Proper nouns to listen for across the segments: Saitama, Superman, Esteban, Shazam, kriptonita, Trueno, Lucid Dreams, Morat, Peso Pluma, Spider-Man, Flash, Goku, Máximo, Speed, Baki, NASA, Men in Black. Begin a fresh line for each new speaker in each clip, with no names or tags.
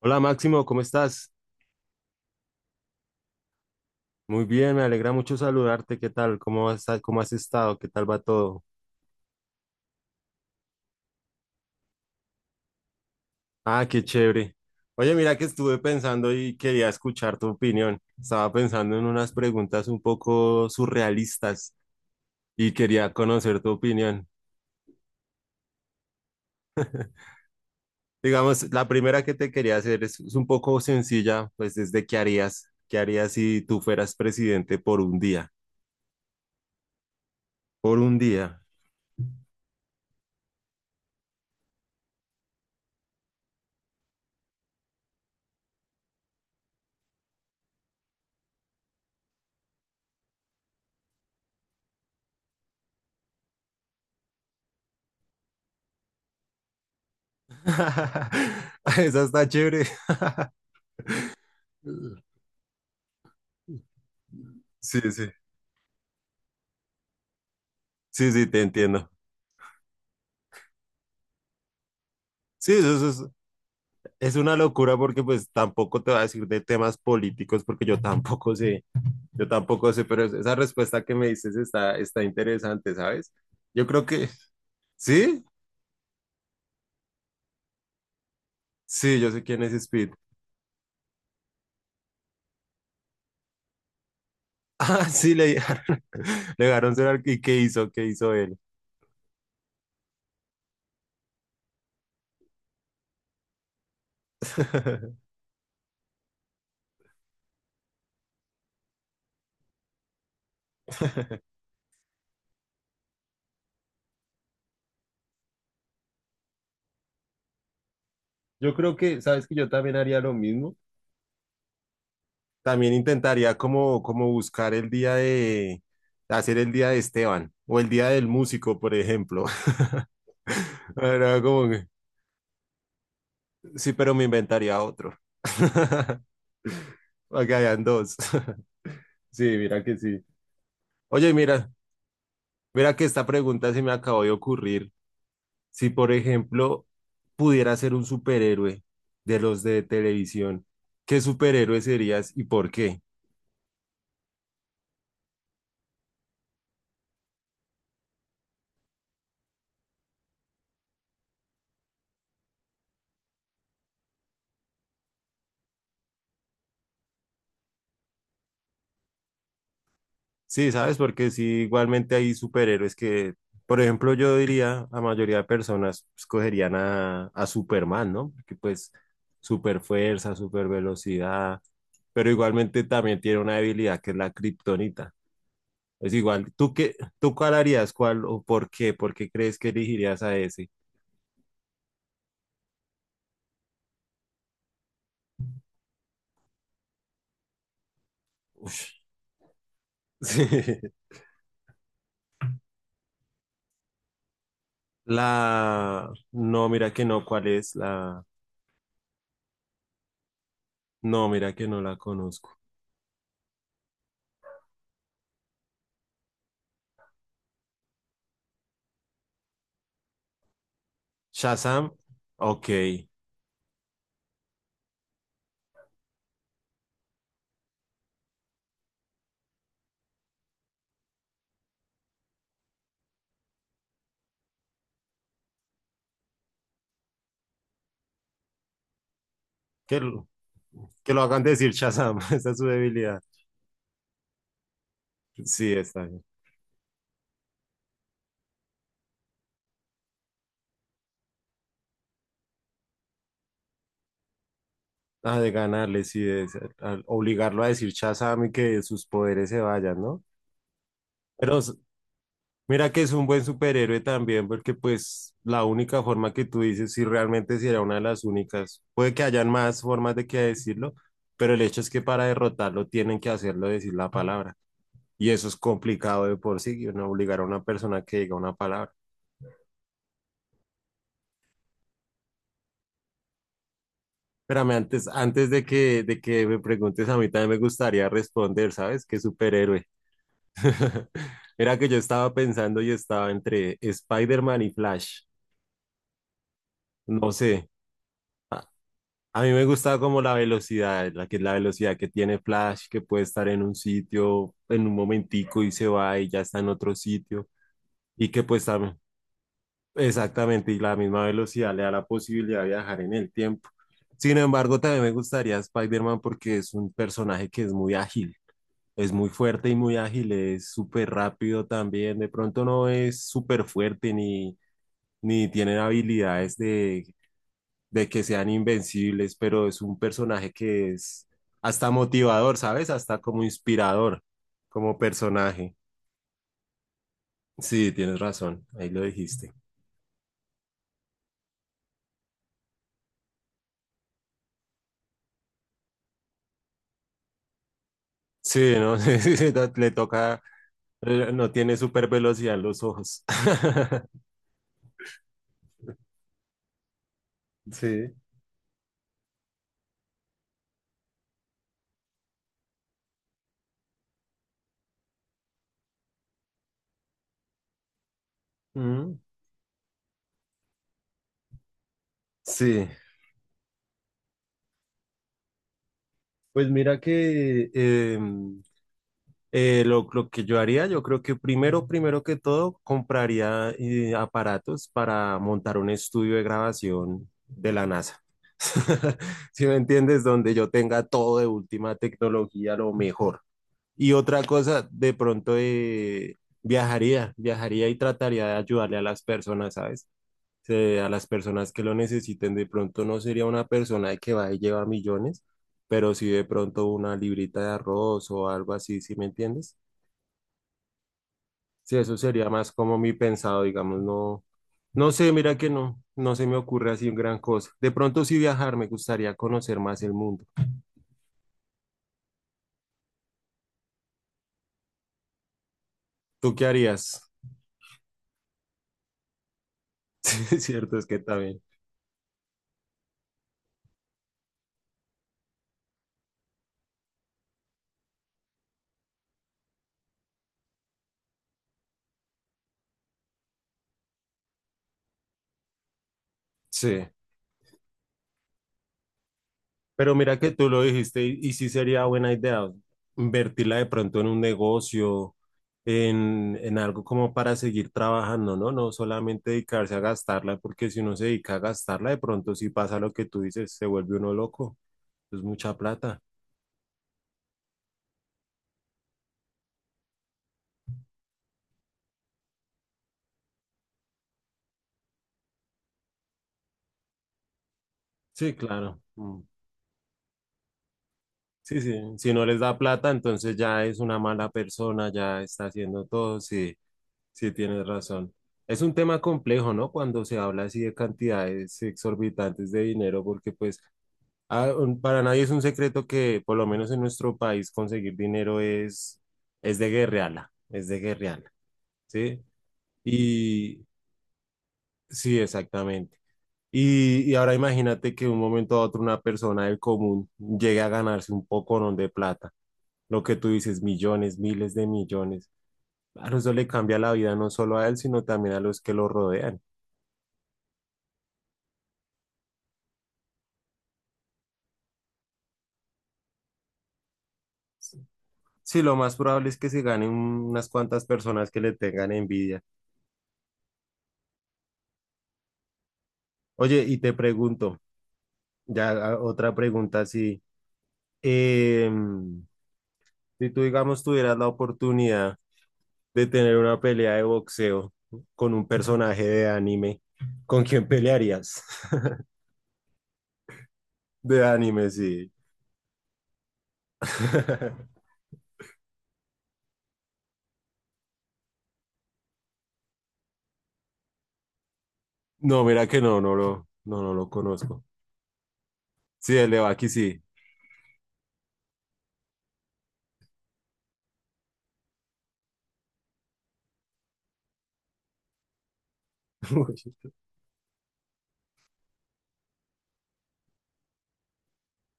Hola Máximo, ¿cómo estás? Muy bien, me alegra mucho saludarte. ¿Qué tal? ¿Cómo has estado? ¿Qué tal va todo? Qué chévere. Oye, mira que estuve pensando y quería escuchar tu opinión. Estaba pensando en unas preguntas un poco surrealistas y quería conocer tu opinión. Digamos, la primera que te quería hacer es un poco sencilla, pues es de qué harías. ¿Qué harías si tú fueras presidente por un día? Por un día. Esa está chévere. Sí, sí. Sí, sí, te entiendo. Sí, eso es una locura porque pues tampoco te va a decir de temas políticos porque yo tampoco sé, pero esa respuesta que me dices está interesante, ¿sabes? Yo creo que, ¿sí? Sí, yo sé quién es Speed. Ah, sí, le dejaron, le dejaron ser ¿Y qué hizo? ¿Qué hizo él? Yo creo que, ¿sabes que yo también haría lo mismo? También intentaría como, como buscar el día de, hacer el día de Esteban o el día del músico, por ejemplo. Era como que- Sí, pero me inventaría otro. Para que hayan dos. Sí, mira que sí. Oye, mira, mira que esta pregunta se me acabó de ocurrir. Si, por ejemplo, pudiera ser un superhéroe de los de televisión, ¿qué superhéroe serías y por qué? Sí, ¿sabes? Porque sí, igualmente hay superhéroes que, por ejemplo, yo diría, la mayoría de personas escogerían a Superman, ¿no? Porque pues super fuerza, super velocidad, pero igualmente también tiene una debilidad que es la kriptonita. Es igual, ¿tú qué, tú cuál harías, cuál o por qué? ¿Por qué crees que elegirías a ese? Ush. Sí. La, no, mira que no, ¿cuál es la? No, mira que no la conozco. Shazam, ok. ¿Qué? Que lo hagan decir Shazam, esa es su debilidad. Sí, está bien. Ah, de ganarle, sí, de ser- al obligarlo a decir Shazam y que sus poderes se vayan, ¿no? Pero mira que es un buen superhéroe también, porque pues la única forma que tú dices, si realmente si era una de las únicas, puede que hayan más formas de que decirlo, pero el hecho es que para derrotarlo tienen que hacerlo decir la palabra. Y eso es complicado de por sí, ¿no? Obligar a una persona que diga una palabra. Espérame, antes, antes de que me preguntes, a mí también me gustaría responder, ¿sabes? ¿Qué superhéroe? Era que yo estaba pensando y estaba entre Spider-Man y Flash. No sé, a mí me gusta como la velocidad, la que es la velocidad que tiene Flash, que puede estar en un sitio en un momentico y se va y ya está en otro sitio. Y que pues también exactamente, y la misma velocidad le da la posibilidad de viajar en el tiempo. Sin embargo, también me gustaría Spider-Man porque es un personaje que es muy ágil. Es muy fuerte y muy ágil, es súper rápido también. De pronto no es súper fuerte ni, ni tienen habilidades de que sean invencibles, pero es un personaje que es hasta motivador, ¿sabes? Hasta como inspirador, como personaje. Sí, tienes razón, ahí lo dijiste. Sí, ¿no? Le toca, no tiene súper velocidad en los ojos. Sí. Mm, sí, pues mira que lo que yo haría, yo creo que primero, primero que todo, compraría aparatos para montar un estudio de grabación de la NASA. ¿Si me entiendes? Donde yo tenga todo de última tecnología, lo mejor. Y otra cosa, de pronto viajaría y trataría de ayudarle a las personas, ¿sabes? A las personas que lo necesiten, de pronto no sería una persona que va y lleva millones, pero sí de pronto una librita de arroz o algo así, ¿si me entiendes? Sí, eso sería más como mi pensado, digamos, no, no sé, mira que no, no se me ocurre así gran cosa. De pronto sí viajar, me gustaría conocer más el mundo. ¿Tú qué harías? Sí, es cierto, es que también. Sí, pero mira que tú lo dijiste y sí sería buena idea invertirla de pronto en un negocio, en algo como para seguir trabajando, ¿no? No solamente dedicarse a gastarla, porque si uno se dedica a gastarla, de pronto sí pasa lo que tú dices, se vuelve uno loco, es mucha plata. Sí, claro. Mm. Sí, sí, si no les da plata, entonces ya es una mala persona, ya está haciendo todo, sí, sí tienes razón. Es un tema complejo, ¿no? Cuando se habla así de cantidades exorbitantes de dinero, porque pues para nadie es un secreto que por lo menos en nuestro país conseguir dinero es de guerreala, ¿sí? Y sí, exactamente. Y ahora imagínate que de un momento a otro una persona del común llegue a ganarse un poco de plata. Lo que tú dices, millones, miles de millones. Claro, eso le cambia la vida no solo a él, sino también a los que lo rodean. Sí, lo más probable es que se ganen unas cuantas personas que le tengan envidia. Oye, y te pregunto, ya otra pregunta así. em, si tú, digamos, tuvieras la oportunidad de tener una pelea de boxeo con un personaje de anime, ¿con quién pelearías? De anime, sí. No, mira que no lo conozco. Sí, el de sí.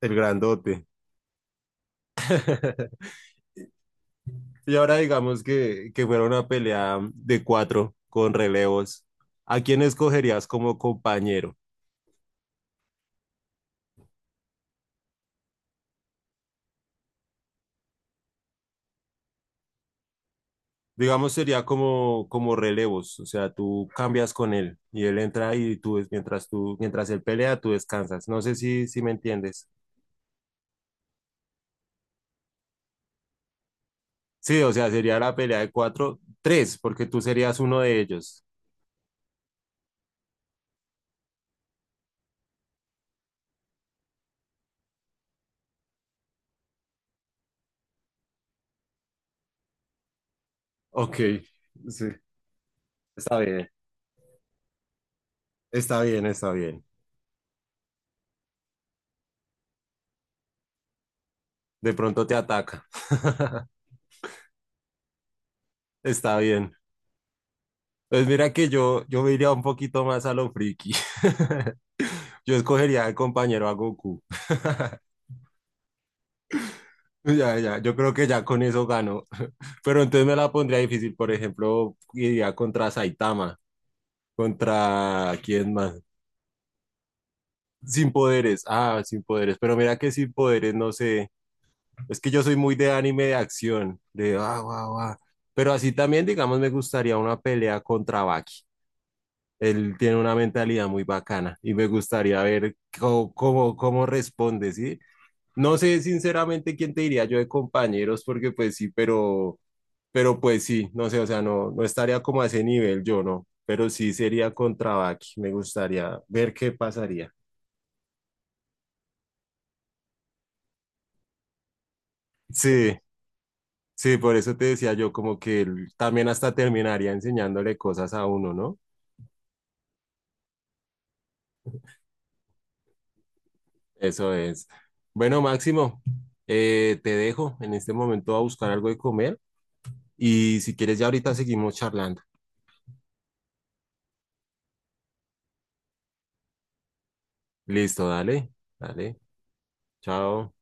El grandote. Y ahora digamos que fuera una pelea de cuatro con relevos. ¿A quién escogerías como compañero? Digamos, sería como, como relevos, o sea, tú cambias con él y él entra y tú, mientras tú, mientras él pelea, tú descansas. No sé si, si me entiendes. Sí, o sea, sería la pelea de cuatro, tres, porque tú serías uno de ellos. Ok, sí, está bien, está bien. De pronto te ataca. Está bien. Pues mira que yo me iría un poquito más a lo friki. Yo escogería de compañero a Goku. Ya, ya, yo creo que ya con eso gano. Pero entonces me la pondría difícil, por ejemplo, iría contra Saitama, contra quién más. Sin poderes, ah, sin poderes, pero mira que sin poderes, no sé, es que yo soy muy de anime de acción, de ah, guau, guau. Pero así también, digamos, me gustaría una pelea contra Baki. Él tiene una mentalidad muy bacana y me gustaría ver cómo responde, ¿sí? No sé sinceramente quién te diría yo de compañeros, porque pues sí, pero pues sí, no sé, o sea, no estaría como a ese nivel yo, ¿no? Pero sí sería contra Baki, me gustaría ver qué pasaría. Sí, sí, por eso te decía yo como que él también hasta terminaría enseñándole cosas a uno, ¿no? Eso es. Bueno, Máximo, te dejo en este momento a buscar algo de comer. Y si quieres, ya ahorita seguimos charlando. Listo, dale, dale, chao.